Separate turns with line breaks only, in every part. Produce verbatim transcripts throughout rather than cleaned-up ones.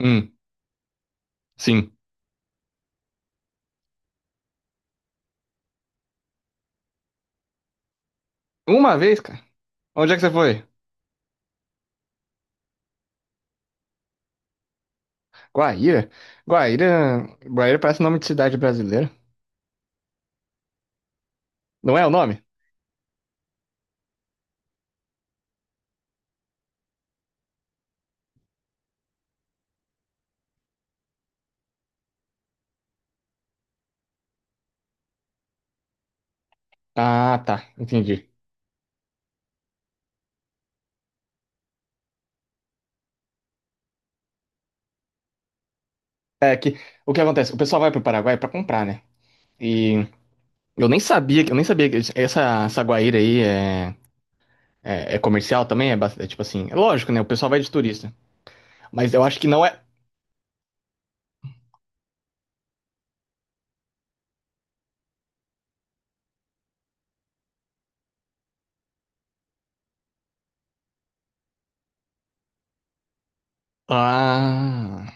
Hum, sim. Uma vez, cara. Onde é que você foi? Guaíra? Guaíra. Guaíra parece nome de cidade brasileira. Não é o nome? Ah, tá. Entendi. É que o que acontece? O pessoal vai pro Paraguai pra comprar, né? E eu nem sabia, que- eu nem sabia que essa, essa Guaíra aí é, é, é comercial também, é, bas- é tipo assim, é lógico, né? O pessoal vai de turista. Mas eu acho que não é. Ah,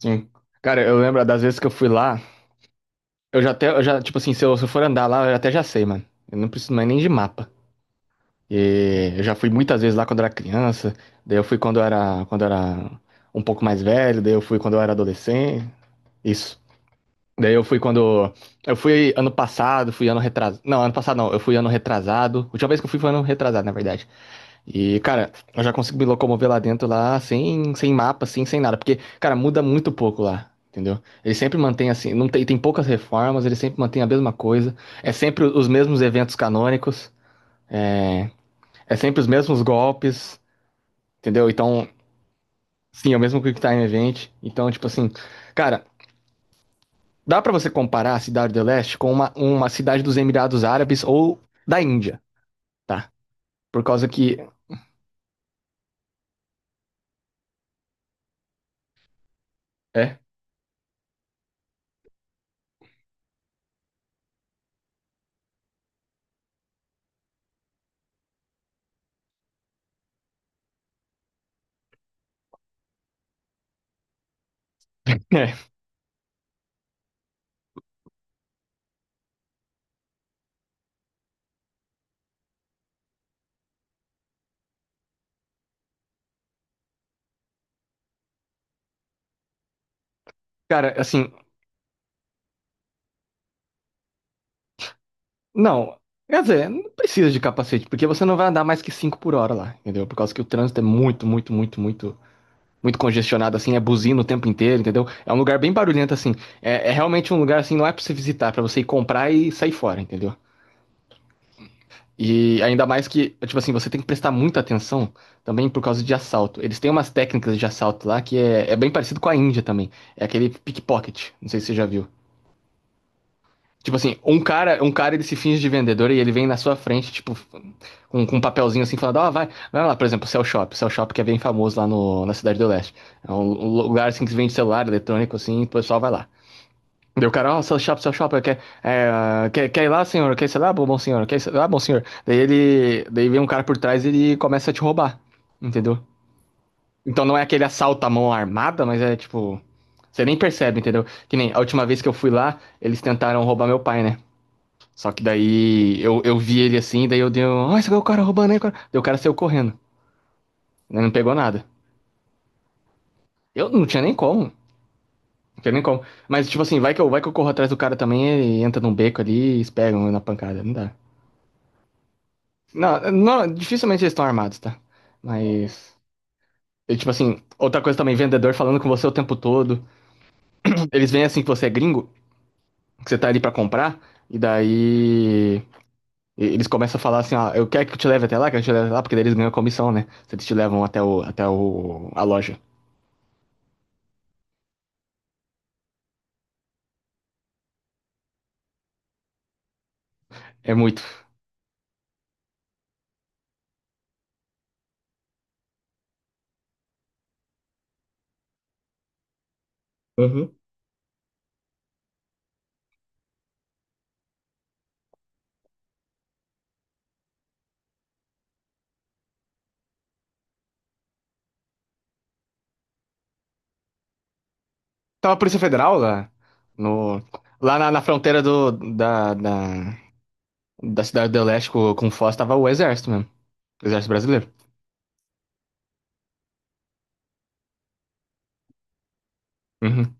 sim. Cara, eu lembro das vezes que eu fui lá, eu já até, eu já, tipo assim, se eu, se eu for andar lá, eu até já sei, mano. Eu não preciso mais nem de mapa. E eu já fui muitas vezes lá quando era criança, daí eu fui quando eu era, quando eu era um pouco mais velho, daí eu fui quando eu era adolescente, isso. Daí eu fui quando. Eu fui ano passado, fui ano retrasado. Não, ano passado não, eu fui ano retrasado. A última vez que eu fui foi ano retrasado, na verdade. E, cara, eu já consigo me locomover lá dentro, lá, sem, sem mapa, assim, sem nada. Porque, cara, muda muito pouco lá, entendeu? Ele sempre mantém assim, não tem, tem poucas reformas, ele sempre mantém a mesma coisa. É sempre os mesmos eventos canônicos. É, é sempre os mesmos golpes, entendeu? Então, sim, é o mesmo Quick Time Event. Então, tipo assim, cara, dá pra você comparar a Cidade do Leste com uma, uma cidade dos Emirados Árabes ou da Índia, tá? Por causa que. É? É. Cara, assim, não. Quer dizer, não precisa de capacete, porque você não vai andar mais que cinco por hora lá, entendeu? Por causa que o trânsito é muito, muito, muito, muito, muito congestionado, assim, é buzina o tempo inteiro, entendeu? É um lugar bem barulhento, assim. É, é realmente um lugar, assim, não é pra você visitar, é pra você ir comprar e sair fora, entendeu? E ainda mais que, tipo assim, você tem que prestar muita atenção também por causa de assalto. Eles têm umas técnicas de assalto lá que é, é bem parecido com a Índia também. É aquele pickpocket, não sei se você já viu. Tipo assim, um cara, um cara ele se finge de vendedor e ele vem na sua frente, tipo, com, com um papelzinho assim, falando, ó, vai, vai lá, por exemplo, o Cell Shop. O Cell Shop que é bem famoso lá no, na Cidade do Leste. É um um lugar assim que se vende celular, eletrônico, assim, e o pessoal vai lá. Daí o cara, ó, seu chapa, seu chapa, quer, é, quer, quer ir lá, senhor? Quer ir lá, bom bom senhor? Quer ir lá, bom senhor? Daí ele, daí vem um cara por trás e ele começa a te roubar, entendeu? Então não é aquele assalto à mão armada, mas é tipo, você nem percebe, entendeu? Que nem a última vez que eu fui lá, eles tentaram roubar meu pai, né? Só que daí eu, eu vi ele assim, daí eu dei, um, ó, esse é o cara roubando aí, cara. Daí o cara saiu correndo, né? Não pegou nada. Eu não tinha nem como, não tinha nem como. Mas tipo assim, vai que eu, vai que eu corro atrás do cara também, ele entra num beco ali e eles pegam na pancada, não dá. Não, não, dificilmente eles estão armados, tá? Mas. E, tipo assim, outra coisa também, vendedor falando com você o tempo todo. Eles veem assim que você é gringo, que você tá ali pra comprar, e daí. e- Eles começam a falar assim, ó, eu quero que eu te leve até lá, quero que eu te leve até lá, porque daí eles ganham comissão, né? Se eles te levam até o, até o, a loja. É muito. Uhum. Tava a Polícia Federal lá, no, lá na, na fronteira do, da, da, da cidade do Leste com, com Foz, tava o Exército mesmo. Exército Brasileiro. Uhum.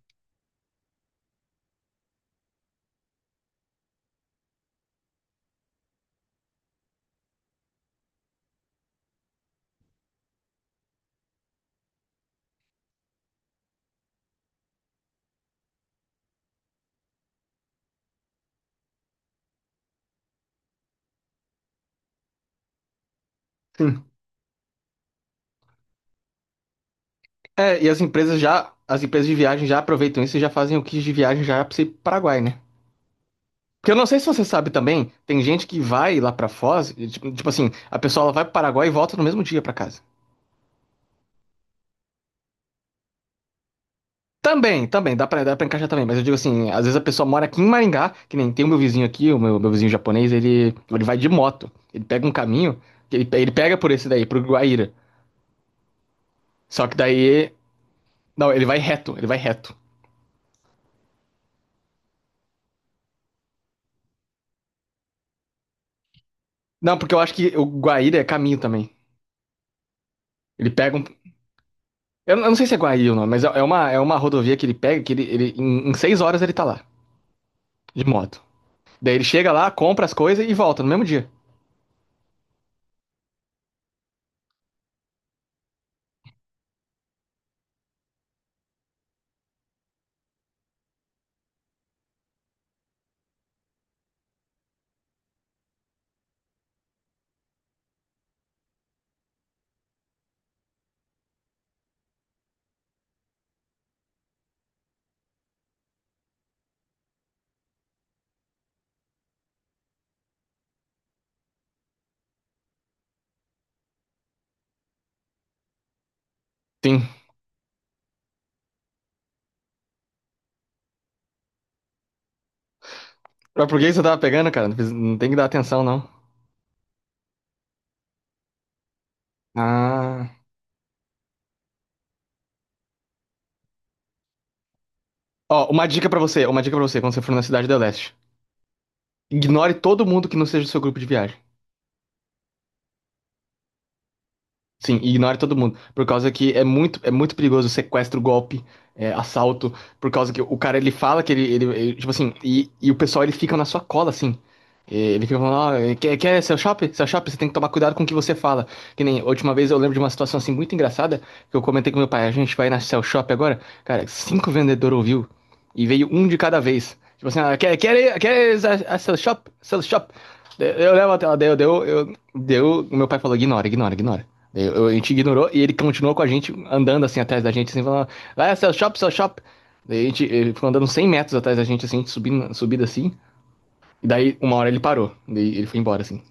É, e as empresas já, as empresas de viagem já aproveitam isso e já fazem o kit de viagem já para o Paraguai, né? Porque eu não sei se você sabe também, tem gente que vai lá pra Foz, e, tipo, tipo assim, a pessoa ela vai pro Paraguai e volta no mesmo dia pra casa. Também, também, dá pra, dá pra encaixar também, mas eu digo assim, às vezes a pessoa mora aqui em Maringá, que nem tem o meu vizinho aqui, o meu, meu vizinho japonês, ele, ele vai de moto, ele pega um caminho, ele, pe- ele pega por esse daí, pro Guaíra. Só que daí, não, ele vai reto, ele vai reto. Não, porque eu acho que o Guaíra é caminho também. Ele pega um Eu não eu não sei se é Guaí ou não, mas é é uma, é uma rodovia que ele pega, que ele, ele em, em seis horas ele tá lá, de moto. Daí ele chega lá, compra as coisas e volta no mesmo dia. Sim. Mas por que você tava pegando, cara? Não, precisa- não tem que dar atenção, não. Ah. Ó, uma dica pra você, uma dica pra você, quando você for na Cidade do Leste. Ignore todo mundo que não seja do seu grupo de viagem. Sim, ignore todo mundo. Por causa que é muito, é muito perigoso sequestro, golpe, é, assalto. Por causa que o cara ele fala que ele, ele, ele- tipo assim, e, e o pessoal ele fica na sua cola assim. E ele fica falando, ó, quer, quer seu shopping? Seu shopping, você tem que tomar cuidado com o que você fala. Que nem a última vez eu lembro de uma situação assim muito engraçada que eu comentei com meu pai, a gente vai na Cell Shop agora. Cara, cinco vendedores ouviu e veio um de cada vez. Tipo assim, ah, quer, quer, quer a, a Cell Shop? Cell Shop? Eu levo até lá, deu, deu, eu, deu. Meu pai falou, ignora, ignora, ignora. Eu- a gente ignorou e ele continuou com a gente, andando assim atrás da gente, assim, falando: vai, ah, seu shop, seu shop. Daí a gente, ele ficou andando cem metros atrás da gente, assim, subindo, subido assim. E daí, uma hora ele parou. Daí ele foi embora, assim.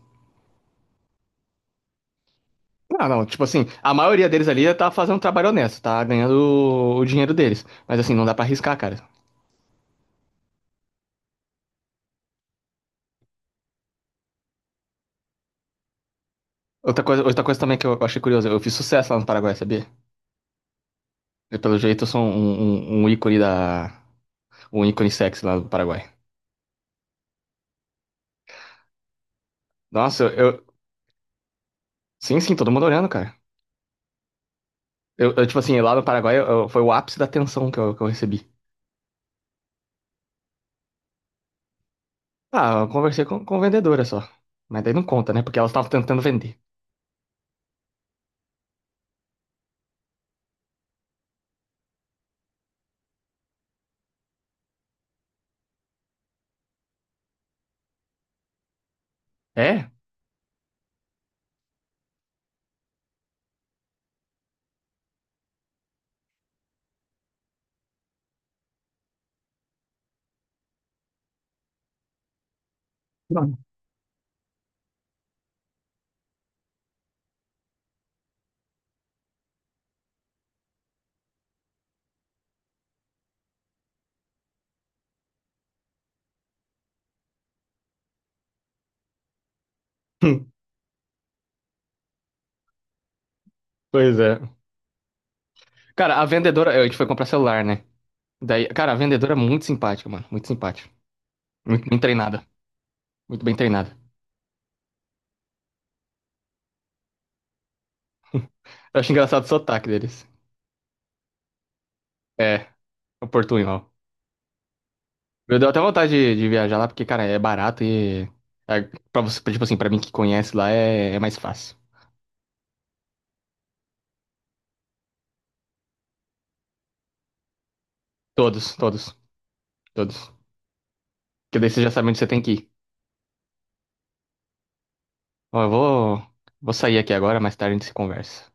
Não, não, tipo assim, a maioria deles ali tá fazendo um trabalho honesto, tá ganhando o, o dinheiro deles. Mas assim, não dá pra arriscar, cara. Outra coisa, outra coisa também que eu achei curioso, eu fiz sucesso lá no Paraguai, sabia? Eu, pelo jeito, eu sou um, um, um ícone da. Um ícone sexy lá do Paraguai. Nossa, eu. Sim, sim, todo mundo olhando, cara. Eu, eu, tipo assim, lá no Paraguai eu- eu- foi o ápice da tensão que eu, que eu recebi. Ah, eu conversei com, com vendedora só. Mas daí não conta, né? Porque elas estavam tentando vender. É? Não. Pois é. Cara, a vendedora. A gente foi comprar celular, né? Daí, cara, a vendedora é muito simpática, mano. Muito simpática. Muito bem treinada. Muito bem treinada. Eu acho engraçado o sotaque deles. É, o portunhol. Eu deu até vontade de, de viajar lá, porque, cara, é barato e. É, pra você, tipo assim, pra mim que conhece lá é, é mais fácil. Todos, todos, todos. Porque daí você já sabe onde você tem que ir. Ó, eu vou, vou sair aqui agora, mais tarde a gente se conversa.